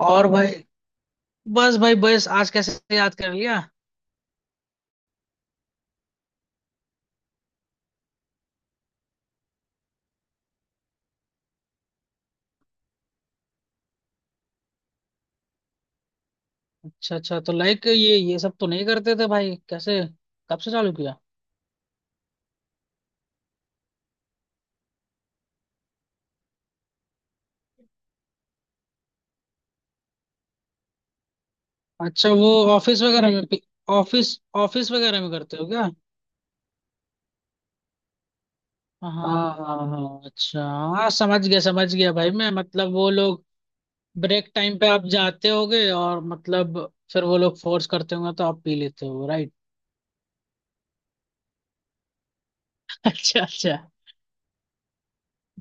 और भाई। बस भाई, बस आज कैसे याद कर लिया? अच्छा अच्छा, तो लाइक ये सब तो नहीं करते थे भाई। कैसे, कब से चालू किया? अच्छा, वो ऑफिस वगैरह में ऑफिस ऑफिस वगैरह में करते हो क्या? हाँ, हाँ, हाँ, अच्छा। हाँ, समझ गया भाई, मैं मतलब वो लोग ब्रेक टाइम पे आप जाते होगे और मतलब फिर वो लोग फोर्स करते होंगे, तो आप पी लेते हो, राइट? अच्छा, अच्छा।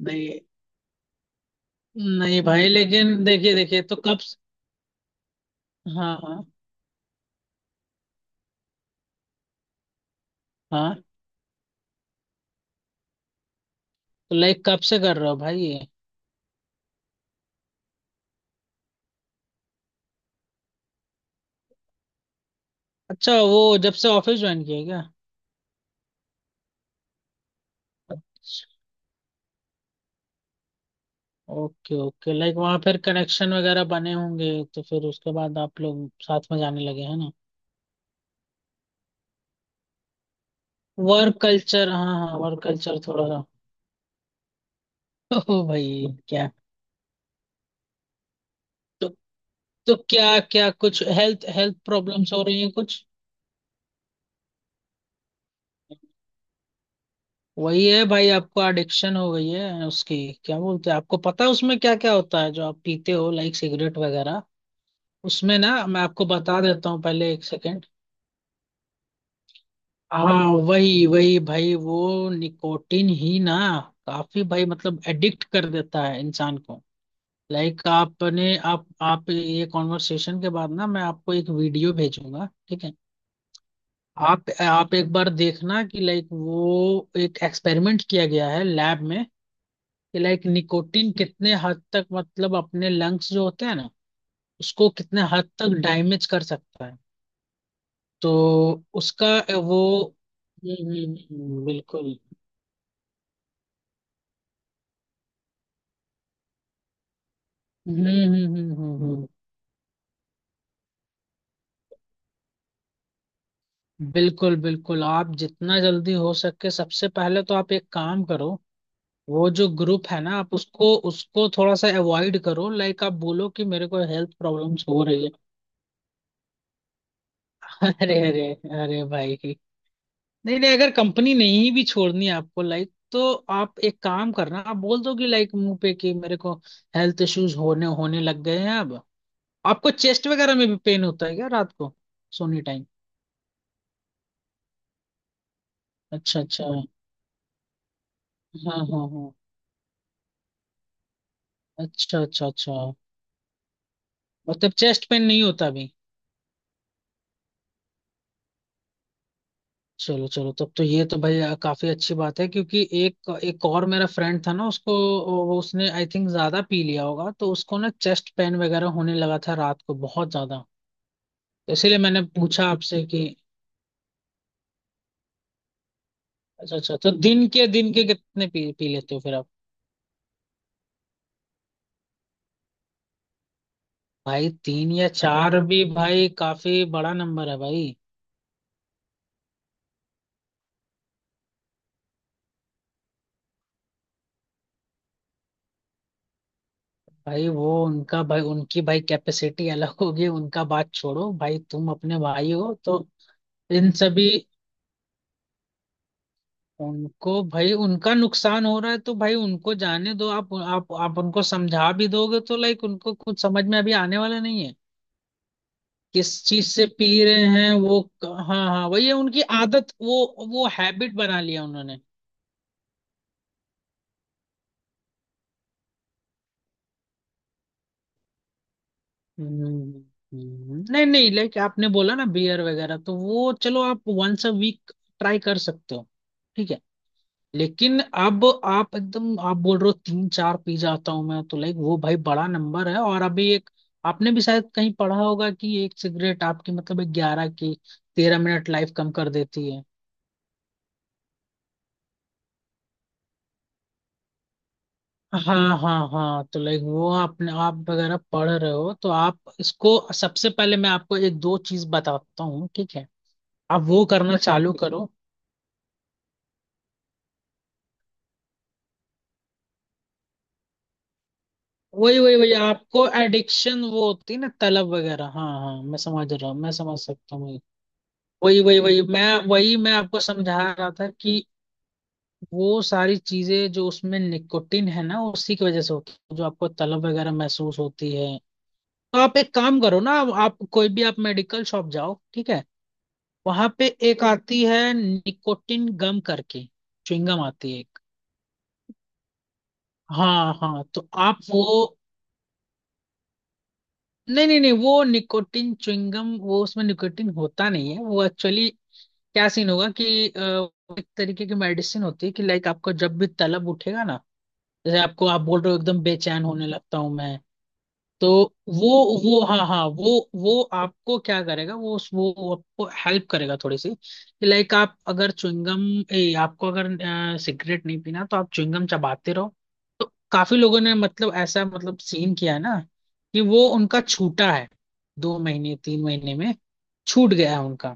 नहीं नहीं भाई, लेकिन देखिए देखिए तो कब स- हाँ, हाँ, हाँ। तो लाइक कब से कर रहे हो भाई ये? अच्छा, वो जब से ऑफिस ज्वाइन किया है क्या? अच्छा, ओके ओके, लाइक वहाँ फिर कनेक्शन वगैरह बने होंगे, तो फिर उसके बाद आप लोग साथ में जाने लगे, है ना? वर्क कल्चर, हाँ हाँ, वर्क कल्चर थोड़ा सा। ओ भाई क्या? तो तो क्या क्या कुछ हेल्थ हेल्थ प्रॉब्लम्स हो रही है कुछ? वही है भाई, आपको एडिक्शन हो गई है उसकी। क्या बोलते हैं, आपको पता है उसमें क्या क्या होता है जो आप पीते हो, लाइक सिगरेट वगैरह? उसमें ना मैं आपको बता देता हूँ, पहले एक सेकेंड। हाँ, वही वही भाई, वो निकोटिन ही ना। काफी भाई, मतलब एडिक्ट कर देता है इंसान को। लाइक आपने आप ये कॉन्वर्सेशन के बाद ना, मैं आपको एक वीडियो भेजूंगा, ठीक है। आप एक बार देखना कि लाइक वो एक एक्सपेरिमेंट किया गया है लैब में, कि लाइक निकोटिन कितने हद तक, मतलब अपने लंग्स जो होते हैं ना, उसको कितने हद तक डैमेज कर सकता है। तो उसका वो बिल्कुल। हम्म हम्म हम्म हम्म, हम्म। बिल्कुल बिल्कुल, आप जितना जल्दी हो सके, सबसे पहले तो आप एक काम करो। वो जो ग्रुप है ना, आप उसको उसको थोड़ा सा अवॉइड करो, लाइक आप बोलो कि मेरे को हेल्थ प्रॉब्लम्स हो रही है। अरे अरे, अरे भाई। नहीं नहीं, अगर कंपनी नहीं भी छोड़नी है आपको, लाइक तो आप एक काम करना, आप बोल दो कि लाइक मुंह पे कि मेरे को हेल्थ इश्यूज होने होने लग गए हैं अब। आपको चेस्ट वगैरह में भी पेन होता है क्या रात को सोने टाइम? अच्छा, अच्छा। हाँ, हाँ, हाँ। अच्छा, अच्छा, अच्छा। मतलब चेस्ट पेन नहीं होता अभी? चलो चलो, तब तो ये तो भाई काफी अच्छी बात है, क्योंकि एक एक और मेरा फ्रेंड था ना उसको, वो उसने आई थिंक ज्यादा पी लिया होगा, तो उसको ना चेस्ट पेन वगैरह होने लगा था रात को बहुत ज्यादा। तो इसीलिए मैंने पूछा आपसे कि अच्छा अच्छा, तो दिन के कितने पी लेते हो फिर आप? भाई 3 या 4 भी भाई काफी बड़ा नंबर है भाई। भाई वो उनका भाई, उनकी भाई कैपेसिटी अलग होगी, उनका बात छोड़ो भाई, तुम अपने भाई हो तो इन सभी, उनको भाई उनका नुकसान हो रहा है, तो भाई उनको जाने दो, आप उनको समझा भी दोगे तो लाइक उनको कुछ समझ में अभी आने वाला नहीं है। किस चीज से पी रहे हैं वो? हाँ हाँ, वही है उनकी आदत, वो हैबिट बना लिया उन्होंने। हम्म, नहीं नहीं, लाइक आपने बोला ना बियर वगैरह, तो वो चलो आप वंस अ वीक ट्राई कर सकते हो, ठीक है। लेकिन अब आप एकदम आप बोल रहे हो तीन चार पी जाता हूं मैं, तो लाइक वो भाई बड़ा नंबर है। और अभी एक, आपने भी शायद कहीं पढ़ा होगा कि एक सिगरेट आपकी मतलब ग्यारह की 13 मिनट लाइफ कम कर देती है। हाँ, हाँ, हाँ। तो लाइक वो आपने आप वगैरह पढ़ रहे हो, तो आप इसको, सबसे पहले मैं आपको एक दो चीज बताता हूँ, ठीक है। आप वो करना चालू करो। वही वही वही, आपको एडिक्शन वो होती है ना, तलब वगैरह। हाँ हाँ, मैं समझ रहा हूँ, मैं समझ सकता हूँ। वही वही वही, मैं आपको समझा रहा था कि वो सारी चीजें जो उसमें निकोटिन है ना, उसी की वजह से होती है जो आपको तलब वगैरह महसूस होती है। तो आप एक काम करो ना, आप कोई भी आप मेडिकल शॉप जाओ, ठीक है। वहां पे एक आती है निकोटिन गम करके, च्युइंगम आती है एक। हाँ, हाँ, तो आप वो, नहीं नहीं नहीं, वो निकोटिन च्युइंगम, वो उसमें निकोटिन होता नहीं है वो, एक्चुअली क्या सीन होगा कि एक तरीके की मेडिसिन होती है कि लाइक आपको जब भी तलब उठेगा ना, जैसे आपको, आप बोल रहे हो एकदम बेचैन होने लगता हूं मैं, तो वो वो हाँ हाँ, वो आपको क्या करेगा, वो आपको हेल्प करेगा थोड़ी सी। लाइक आप अगर च्युइंगम, ए आपको अगर सिगरेट नहीं पीना तो आप च्युइंगम चबाते रहो। तो काफी लोगों ने मतलब, ऐसा मतलब सीन किया है ना, कि वो उनका छूटा है, 2 महीने 3 महीने में छूट गया है उनका।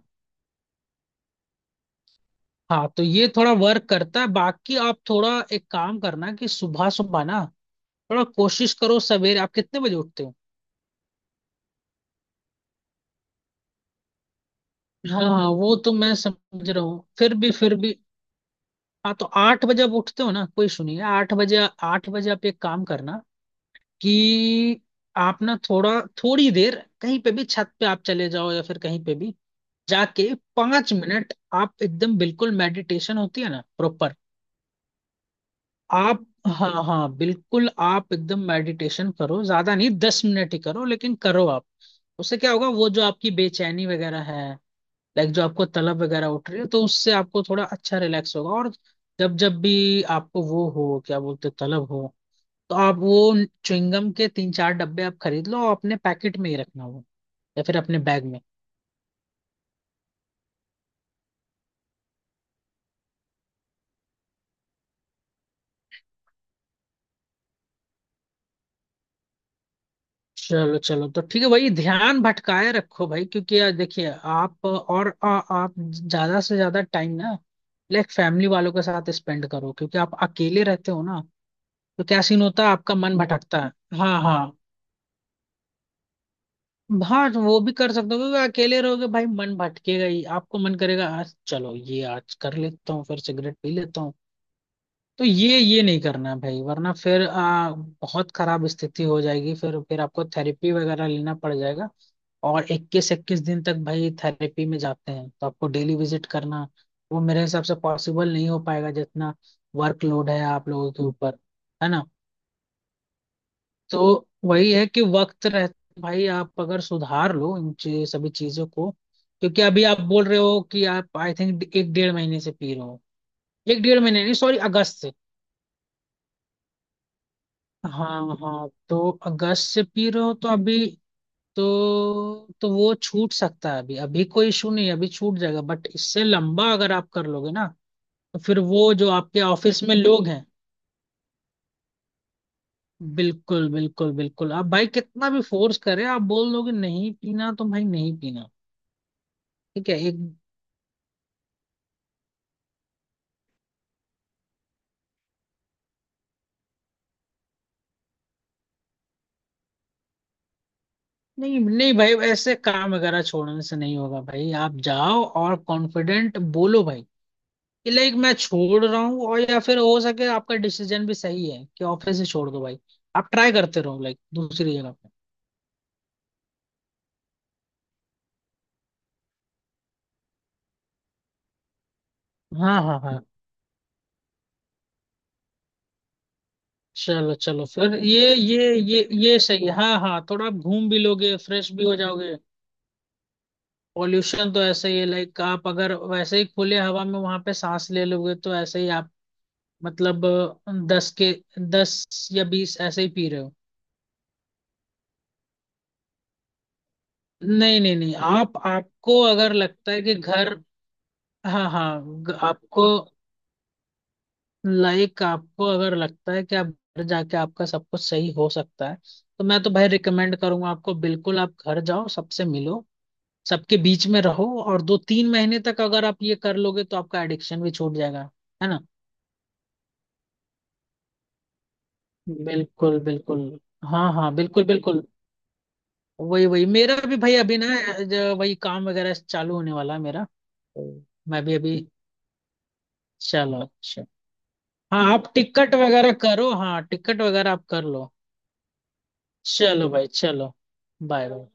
हाँ, तो ये थोड़ा वर्क करता है, बाकी आप थोड़ा एक काम करना कि सुबह सुबह ना थोड़ा कोशिश करो, सवेरे आप कितने बजे उठते हो? हाँ हाँ, वो तो मैं समझ रहा हूँ, फिर भी हाँ, तो 8 बजे आप उठते हो ना, कोई सुनिए, आठ बजे, आठ बजे आप एक काम करना कि आप ना थोड़ा थोड़ी देर, कहीं पे भी छत पे आप चले जाओ या फिर कहीं पे भी जाके, 5 मिनट आप एकदम बिल्कुल, मेडिटेशन होती है ना प्रॉपर। आप हाँ हाँ बिल्कुल, आप एकदम मेडिटेशन करो, ज्यादा नहीं 10 मिनट ही करो, लेकिन करो आप। उससे क्या होगा, वो जो आपकी बेचैनी वगैरह है, लाइक जो आपको तलब वगैरह उठ रही है, तो उससे आपको थोड़ा अच्छा रिलैक्स होगा। और जब जब भी आपको वो हो, क्या बोलते हैं, तलब हो, तो आप वो च्युइंगम के 3-4 डब्बे आप खरीद लो और अपने पैकेट में ही रखना वो, या फिर अपने बैग में। चलो चलो, तो ठीक है, वही ध्यान भटकाए रखो भाई, क्योंकि यार देखिए आप और आप ज्यादा से ज्यादा टाइम ना लाइक फैमिली वालों के साथ स्पेंड करो, क्योंकि आप अकेले रहते हो ना, तो क्या सीन होता है आपका मन भटकता है। हाँ हाँ, हाँ तो वो भी कर सकते हो, क्योंकि अकेले रहोगे भाई मन भटकेगा ही, आपको मन करेगा आज चलो ये आज कर लेता हूँ फिर सिगरेट पी लेता हूँ। तो ये नहीं करना है भाई, वरना फिर बहुत खराब स्थिति हो जाएगी, फिर आपको थेरेपी वगैरह लेना पड़ जाएगा। और 21-21 दिन तक भाई थेरेपी में जाते हैं, तो आपको डेली विजिट करना, वो मेरे हिसाब से पॉसिबल नहीं हो पाएगा जितना वर्कलोड है आप लोगों के ऊपर, है ना? तो वही है कि वक्त रह, भाई आप अगर सुधार लो इन चे- सभी चीजों को, क्योंकि अभी आप बोल रहे हो कि आप आई थिंक एक डेढ़ महीने से पी रहे हो, एक डेढ़ महीने नहीं, सॉरी, अगस्त से। हाँ हाँ, तो अगस्त से पी रहे हो तो अभी तो वो छूट सकता है अभी, अभी कोई इशू नहीं है, अभी छूट जाएगा, बट इससे लंबा अगर आप कर लोगे ना तो फिर वो जो आपके ऑफिस में लोग हैं, बिल्कुल बिल्कुल बिल्कुल, आप भाई कितना भी फोर्स करें आप बोल दोगे नहीं पीना तो भाई नहीं पीना, ठीक है। एक, नहीं नहीं भाई ऐसे काम वगैरह छोड़ने से नहीं होगा, भाई आप जाओ और कॉन्फिडेंट बोलो भाई कि लाइक मैं छोड़ रहा हूँ, और या फिर हो सके आपका डिसीजन भी सही है कि ऑफिस से छोड़ दो भाई, आप ट्राई करते रहो लाइक दूसरी जगह पे। हाँ, हाँ, हाँ। चलो चलो, फिर ये सही है, हाँ हाँ, थोड़ा आप घूम भी लोगे फ्रेश भी हो जाओगे। पॉल्यूशन तो ऐसे ही है, लाइक आप अगर वैसे ही खुले हवा में वहां पे सांस ले लोगे तो ऐसे ही आप मतलब दस के 10 या 20 ऐसे ही पी रहे हो। नहीं नहीं नहीं, आप आपको अगर लगता है कि घर, हाँ हाँ, ग- आपको, लाइक आपको अगर लगता है कि आप घर जाके आपका सब कुछ सही हो सकता है, तो मैं तो भाई रिकमेंड करूंगा आपको, बिल्कुल आप घर जाओ, सबसे मिलो, सबके बीच में रहो, और 2-3 महीने तक अगर आप ये कर लोगे तो आपका एडिक्शन भी छूट जाएगा, है ना? बिल्कुल बिल्कुल। हाँ हाँ बिल्कुल बिल्कुल, वही वही मेरा भी भाई अभी ना, ज- वही काम वगैरह चालू होने वाला है मेरा, तो मैं भी अभी, चलो, अच्छा। हाँ, आप टिकट वगैरह करो, हाँ टिकट वगैरह आप कर लो। चलो भाई, चलो, बाय बाय।